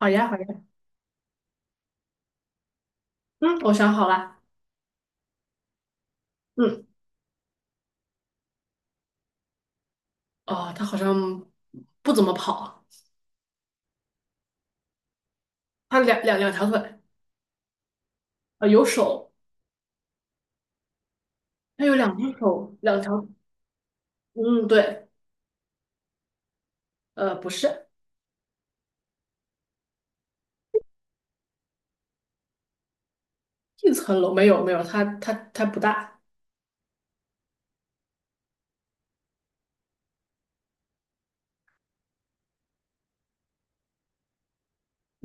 好呀，好呀，嗯，我想好了。嗯，哦，它好像不怎么跑，它两条腿，有手，它有两只手，两条，嗯，对，不是。一层楼，没有没有，它不大，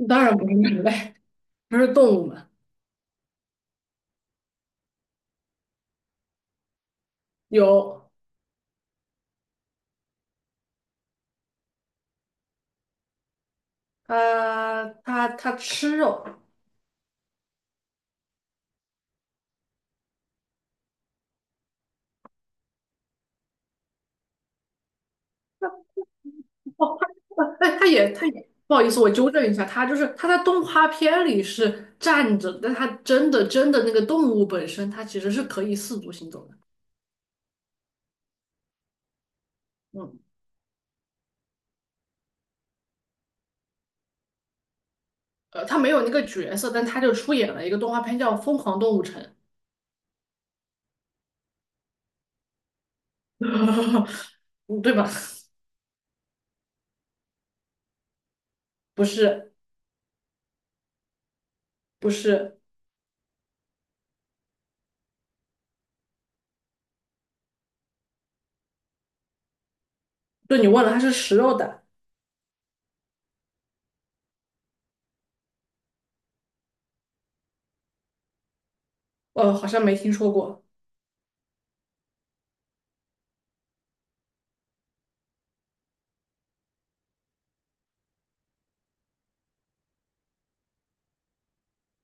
当然不是人类，不是动物嘛。有，它吃肉。哦，它哎，它也，不好意思，我纠正一下，它就是它在动画片里是站着，但它真的真的那个动物本身，它其实是可以四足行走的。嗯。他没有那个角色，但他就出演了一个动画片叫《疯狂动物城》。嗯对吧？不是，不是，对你问了，他是食肉的。好像没听说过。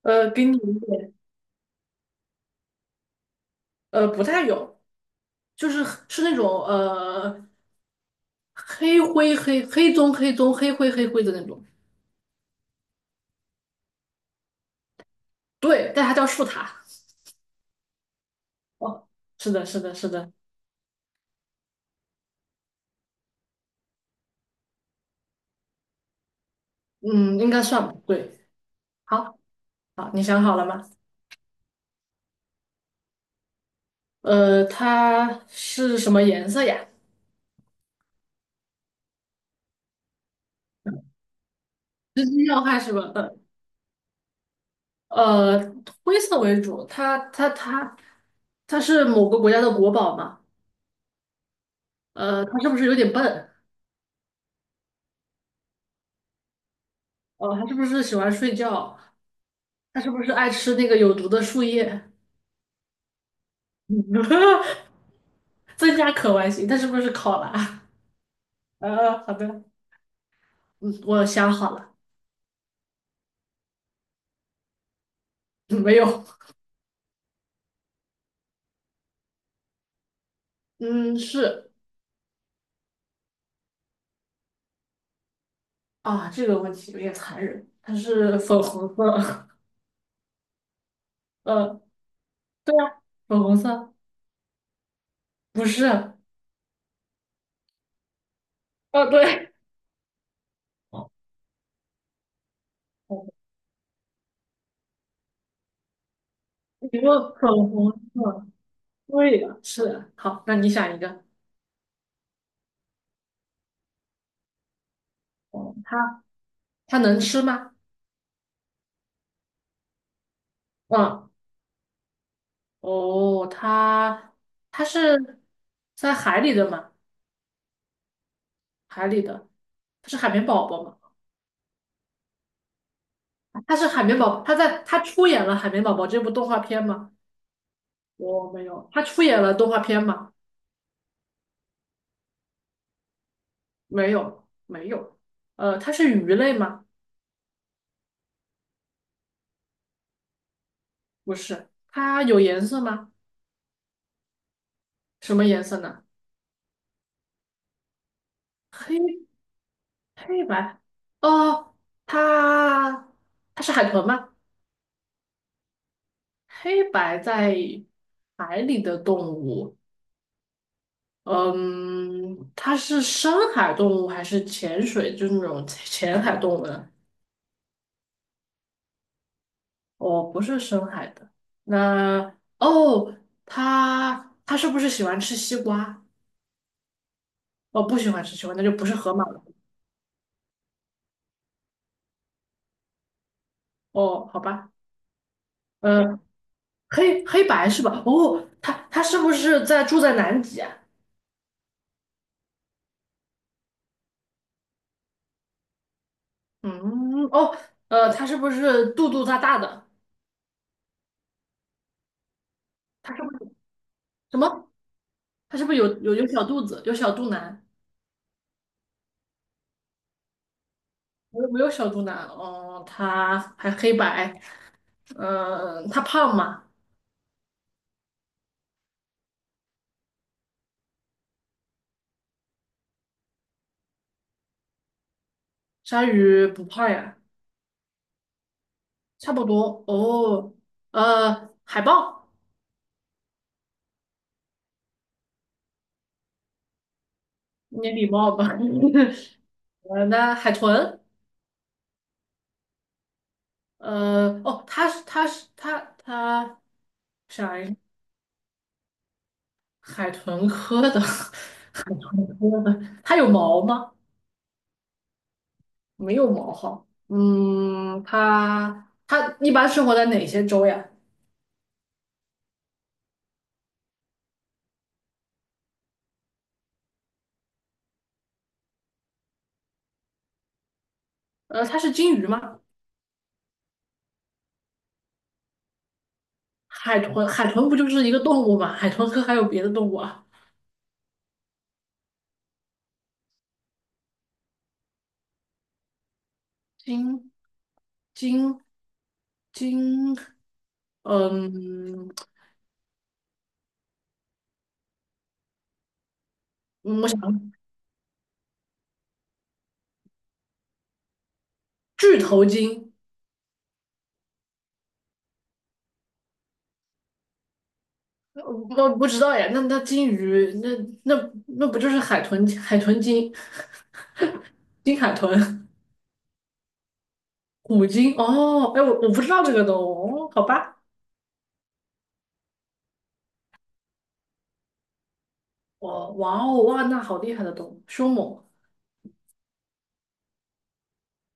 给你一点。不太有，就是是那种黑灰黑黑棕黑棕黑灰黑灰的那种。对，但它叫树塔。哦，是的，是的，是的。嗯，应该算吧，对。好，好，你想好了吗？它是什么颜色呀？要害是吧？嗯。呃，灰色为主，它它是某个国家的国宝嘛？它是不是有点笨？哦，它是不是喜欢睡觉？它是不是爱吃那个有毒的树叶？增加可玩性，它是不是考拉？好的。嗯，我想好了。嗯没有。嗯，是啊，这个问题有点残忍，它是粉红色。呃，对啊，粉红色不是，啊，对，哦你说粉红色。对的，是的。好，那你想一个。哦，它它能吃吗？嗯，哦，它它是在海里的吗？海里的，它是海绵宝宝吗？它是海绵宝宝，它在它出演了《海绵宝宝》这部动画片吗？我、没有，它出演了动画片吗？没有，没有。它是鱼类吗？不是，它有颜色吗？什么颜色呢？黑黑白。哦，它它是海豚吗？黑白在海里的动物。嗯，它是深海动物还是潜水？就是那种浅海动物呢？哦，不是深海的。那哦，它它是不是喜欢吃西瓜？哦，不喜欢吃西瓜，那就不是河马了。哦，好吧。呃，黑白是吧？哦，它它是不是在住在南极啊？嗯，哦。它是不是肚肚大大的？它是不是什么？它是不是有小肚子，有小肚腩？我有没有小肚腩，哦，它还黑白。嗯、它胖吗？鲨鱼不胖呀。差不多哦。海豹，你礼貌吧？那海豚。哦，它是它是它它啥呀？海豚科的。它有毛吗？没有毛哈。嗯，它它一般生活在哪些洲呀？它是鲸鱼吗？海豚，海豚不就是一个动物吗？海豚科还有别的动物啊？鲸，鲸，鲸，嗯，我想巨头鲸。我不知道呀。那那鲸鱼，那那那不就是海豚？海豚鲸，鲸海豚，虎鲸。哦，哎，我我不知道这个动物，哦，好吧。哦，哇哦，哇，那好厉害的动物，凶猛。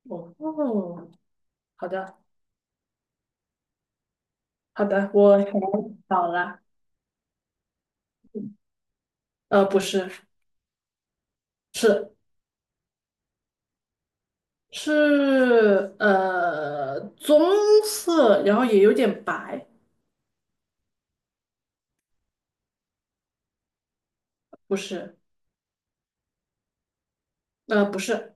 哦，哦好的。好的，我想到了。不是，是是棕色，然后也有点白。不是。不是。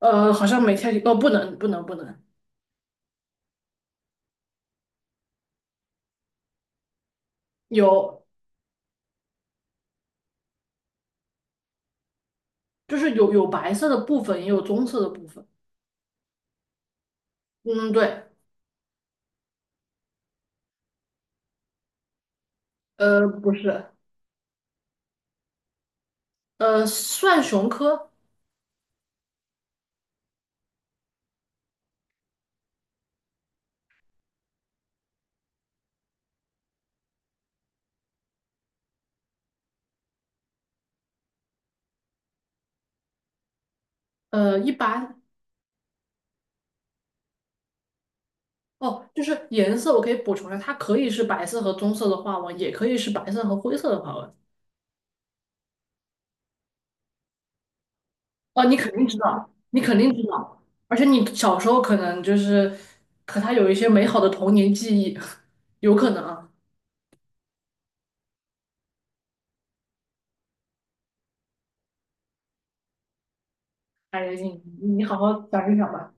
好像没太不能不能不能有。就是有有白色的部分，也有棕色的部分。嗯对。不是。算熊科。一般。哦就是颜色我可以补充一下，它可以是白色和棕色的花纹，也可以是白色和灰色的花纹。哦，你肯定知道，你肯定知道，而且你小时候可能就是和他有一些美好的童年记忆。有可能啊。哎呀，你好好想一想吧。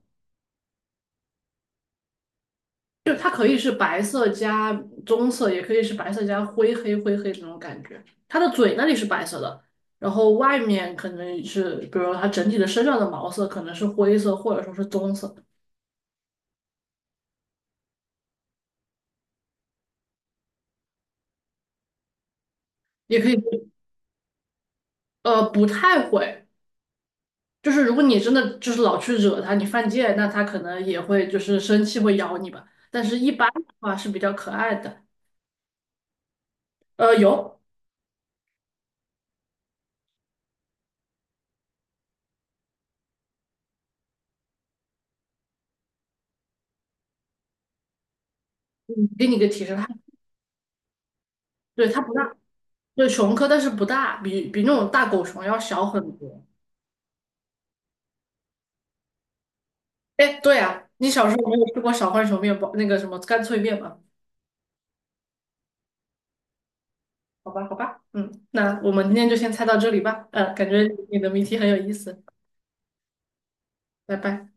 就它可以是白色加棕色，也可以是白色加灰黑灰黑这种感觉。它的嘴那里是白色的，然后外面可能是，比如说它整体的身上的毛色可能是灰色或者说是棕色。也可以。不太会。就是如果你真的就是老去惹它，你犯贱，那它可能也会就是生气会咬你吧。但是一般的话是比较可爱的。有。嗯给你个提示，它对它不大，对熊科，但是不大，比那种大狗熊要小很多。哎，对啊，你小时候没有吃过小浣熊面包那个什么干脆面吗？好吧，好吧，嗯，那我们今天就先猜到这里吧。感觉你的谜题很有意思。拜拜。